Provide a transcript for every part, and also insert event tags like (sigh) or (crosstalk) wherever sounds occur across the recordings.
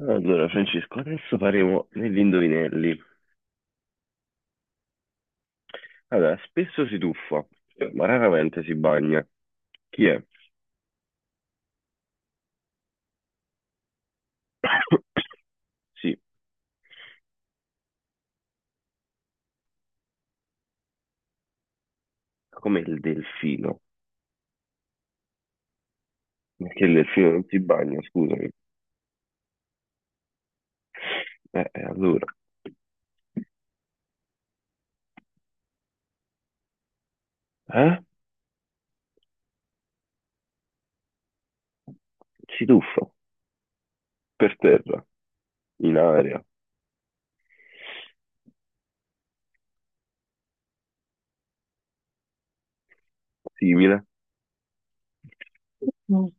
Allora, Francesco, adesso faremo degli indovinelli. Allora, spesso si tuffa, ma raramente si bagna. Chi è? Sì, come il delfino. Perché il delfino non si bagna, scusami. Allora, eh? Si tuffa, per terra, in aria, simile. Mm.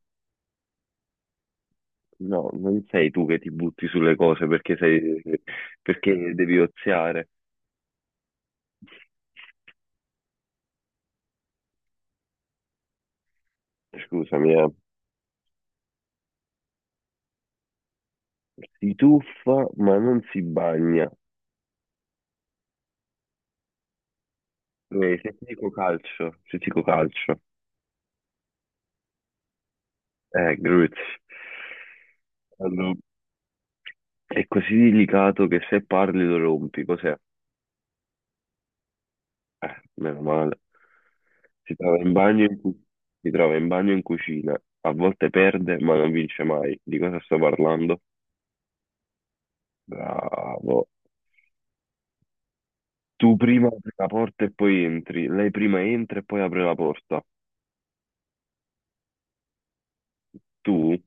No, non sei tu che ti butti sulle cose perché sei, perché devi oziare. Scusami, eh. Si tuffa, ma non si bagna. Se ti dico calcio. Grazie. Allora, è così delicato che se parli lo rompi, cos'è? Meno male. Si trova in bagno in cu- si trova in bagno in cucina, a volte perde ma non vince mai. Di cosa sto parlando? Bravo. Tu prima apri la porta e poi entri, lei prima entra e poi apre la porta. Tu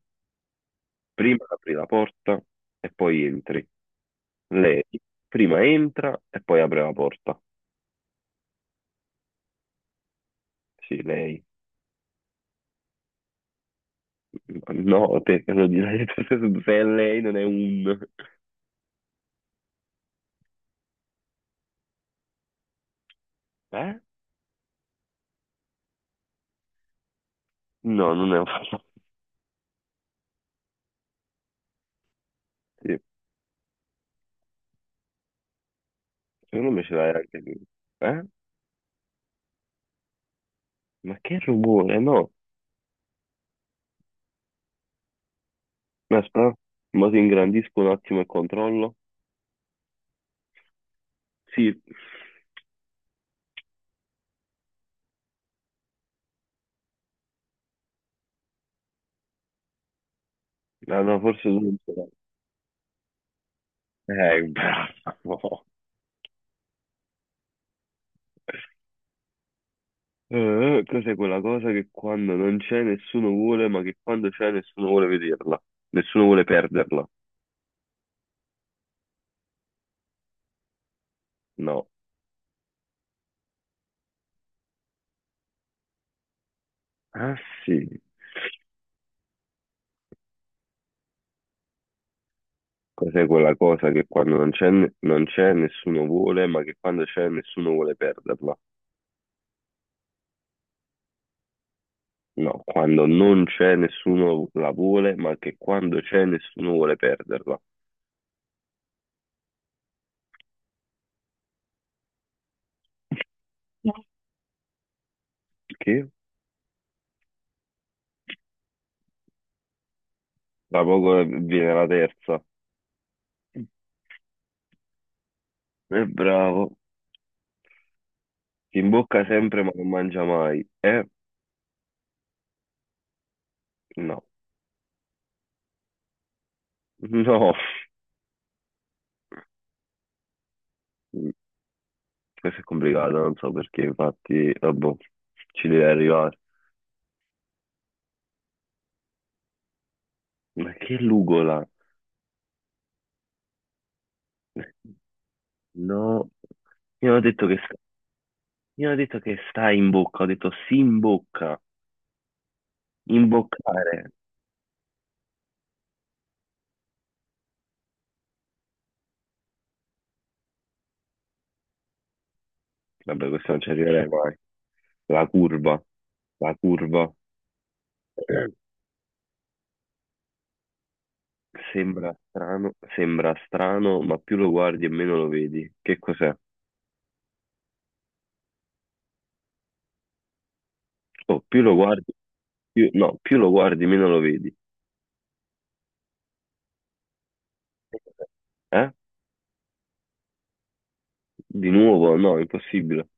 prima apri la porta e poi entri. Lei prima entra e poi apre la porta. Sì, lei. No, te lo direi, (laughs) se è lei non è un... Eh? No, non è un fastidio. Secondo me ce l'hai anche lui. Eh? Ma che rumore, no. Aspetta, ma ti ingrandisco un attimo e controllo. Sì, ah, no, forse tu non ce l'hai. Bravo. Cos'è quella cosa che quando non c'è nessuno vuole, ma che quando c'è nessuno vuole vederla? Nessuno vuole perderla? No. Ah sì, cos'è quella cosa che quando non c'è nessuno vuole, ma che quando c'è nessuno vuole perderla? No, quando non c'è nessuno la vuole, ma che quando c'è nessuno vuole perderla. Che da poco viene la terza. È bravo, si imbocca sempre ma non mangia mai. Eh? No, (laughs) no, questo è complicato, non so perché, infatti, vabbè, ci deve arrivare. Ma che lugola? No, io ho detto che sta, io ho detto che sta in bocca, ho detto si imbocca, imboccare. Vabbè, questo non ci arriverei mai. La curva, la curva. Sembra strano, ma più lo guardi e meno lo vedi. Che cos'è? Oh, più lo guardi, più, no, più lo guardi, meno lo vedi. Eh? Di nuovo? No, impossibile.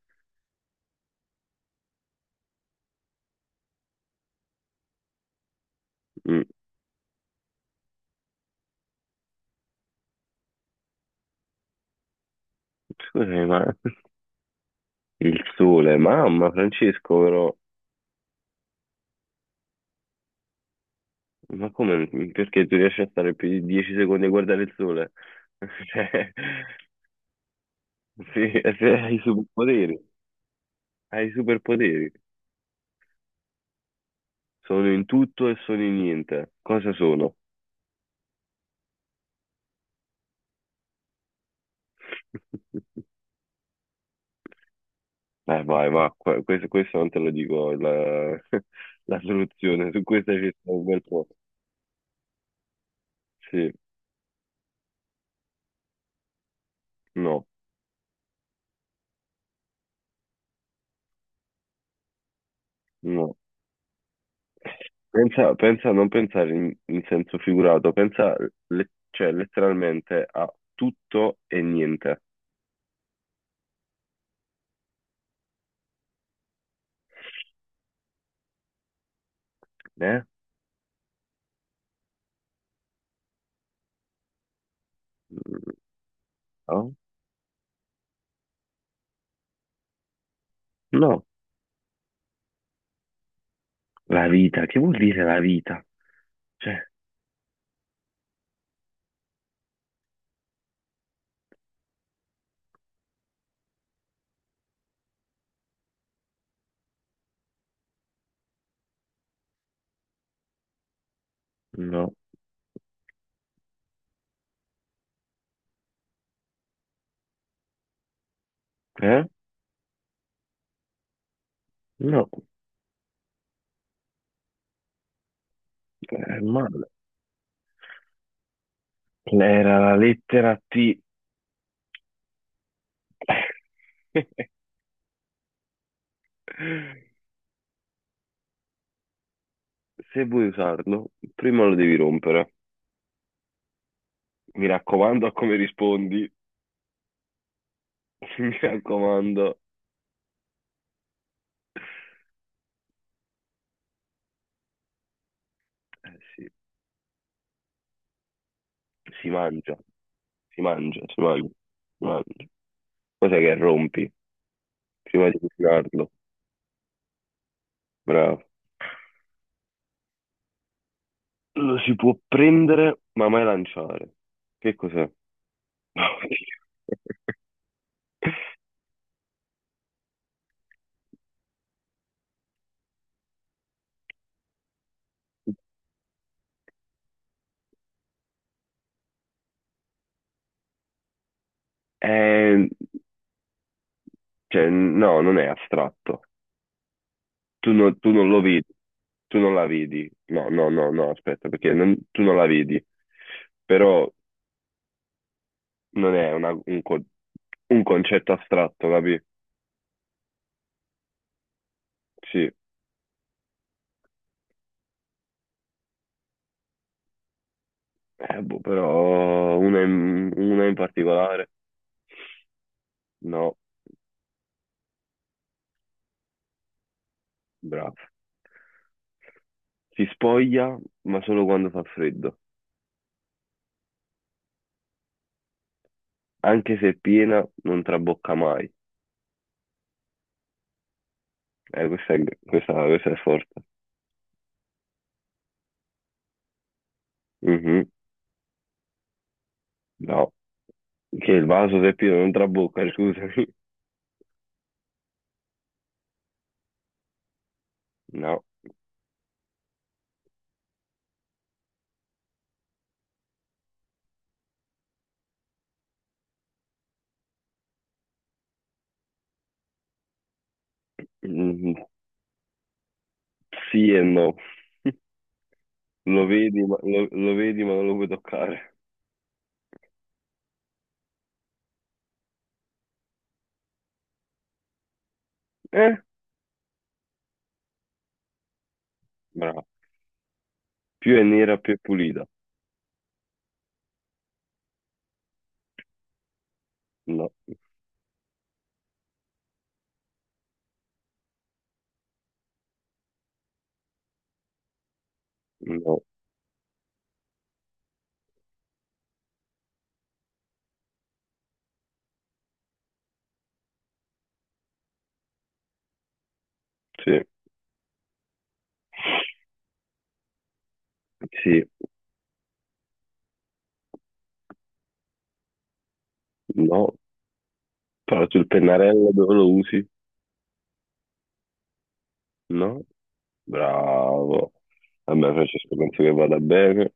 Mm, scusami, ma il sole, mamma, Francesco, però, ma come, perché tu riesci a stare più di 10 secondi a guardare il sole? (laughs) Cioè, sì, se hai i superpoteri, hai i superpoteri. Sono in tutto e sono in niente. Cosa sono? (laughs) Vai, ma questo, questo non te lo dico la, (laughs) la soluzione, su questa c'è stato un bel po'. Sì, no, no. Non pensare in senso figurato, pensa cioè, letteralmente a tutto e niente. Eh? No? No, la vita, che vuol dire la vita? Cioè, no, eh? No, è male. Era la lettera T. (laughs) Se vuoi usarlo, prima lo devi rompere. Mi raccomando a come rispondi, (laughs) mi raccomando. Sì, si mangia, si mangia, si mangia, si mangia. Cos'è che rompi prima di cucinarlo? Bravo. Lo si può prendere ma mai lanciare. Che cos'è? (laughs) Eh, cioè, no, non è astratto. Tu non lo vedi, tu non la vedi. No, no, no, no, aspetta, perché non- tu non la vedi. Però non è un concetto astratto, capi? Sì, eh, boh, però una in particolare, no, bravo. Si spoglia, ma solo quando fa freddo. Anche se è piena, non trabocca mai. Questa è forte. Mhm, no, che il vaso se è pieno non trabocca, scusami. No. Mhm, sì e no, lo vedi, ma non lo puoi toccare. Eh? Bravo. Più è nera, più è pulita. No, no, sì, sì, no. Però sul pennarello dove lo usi? No? Bravo. A me Francesco penso che vada bene.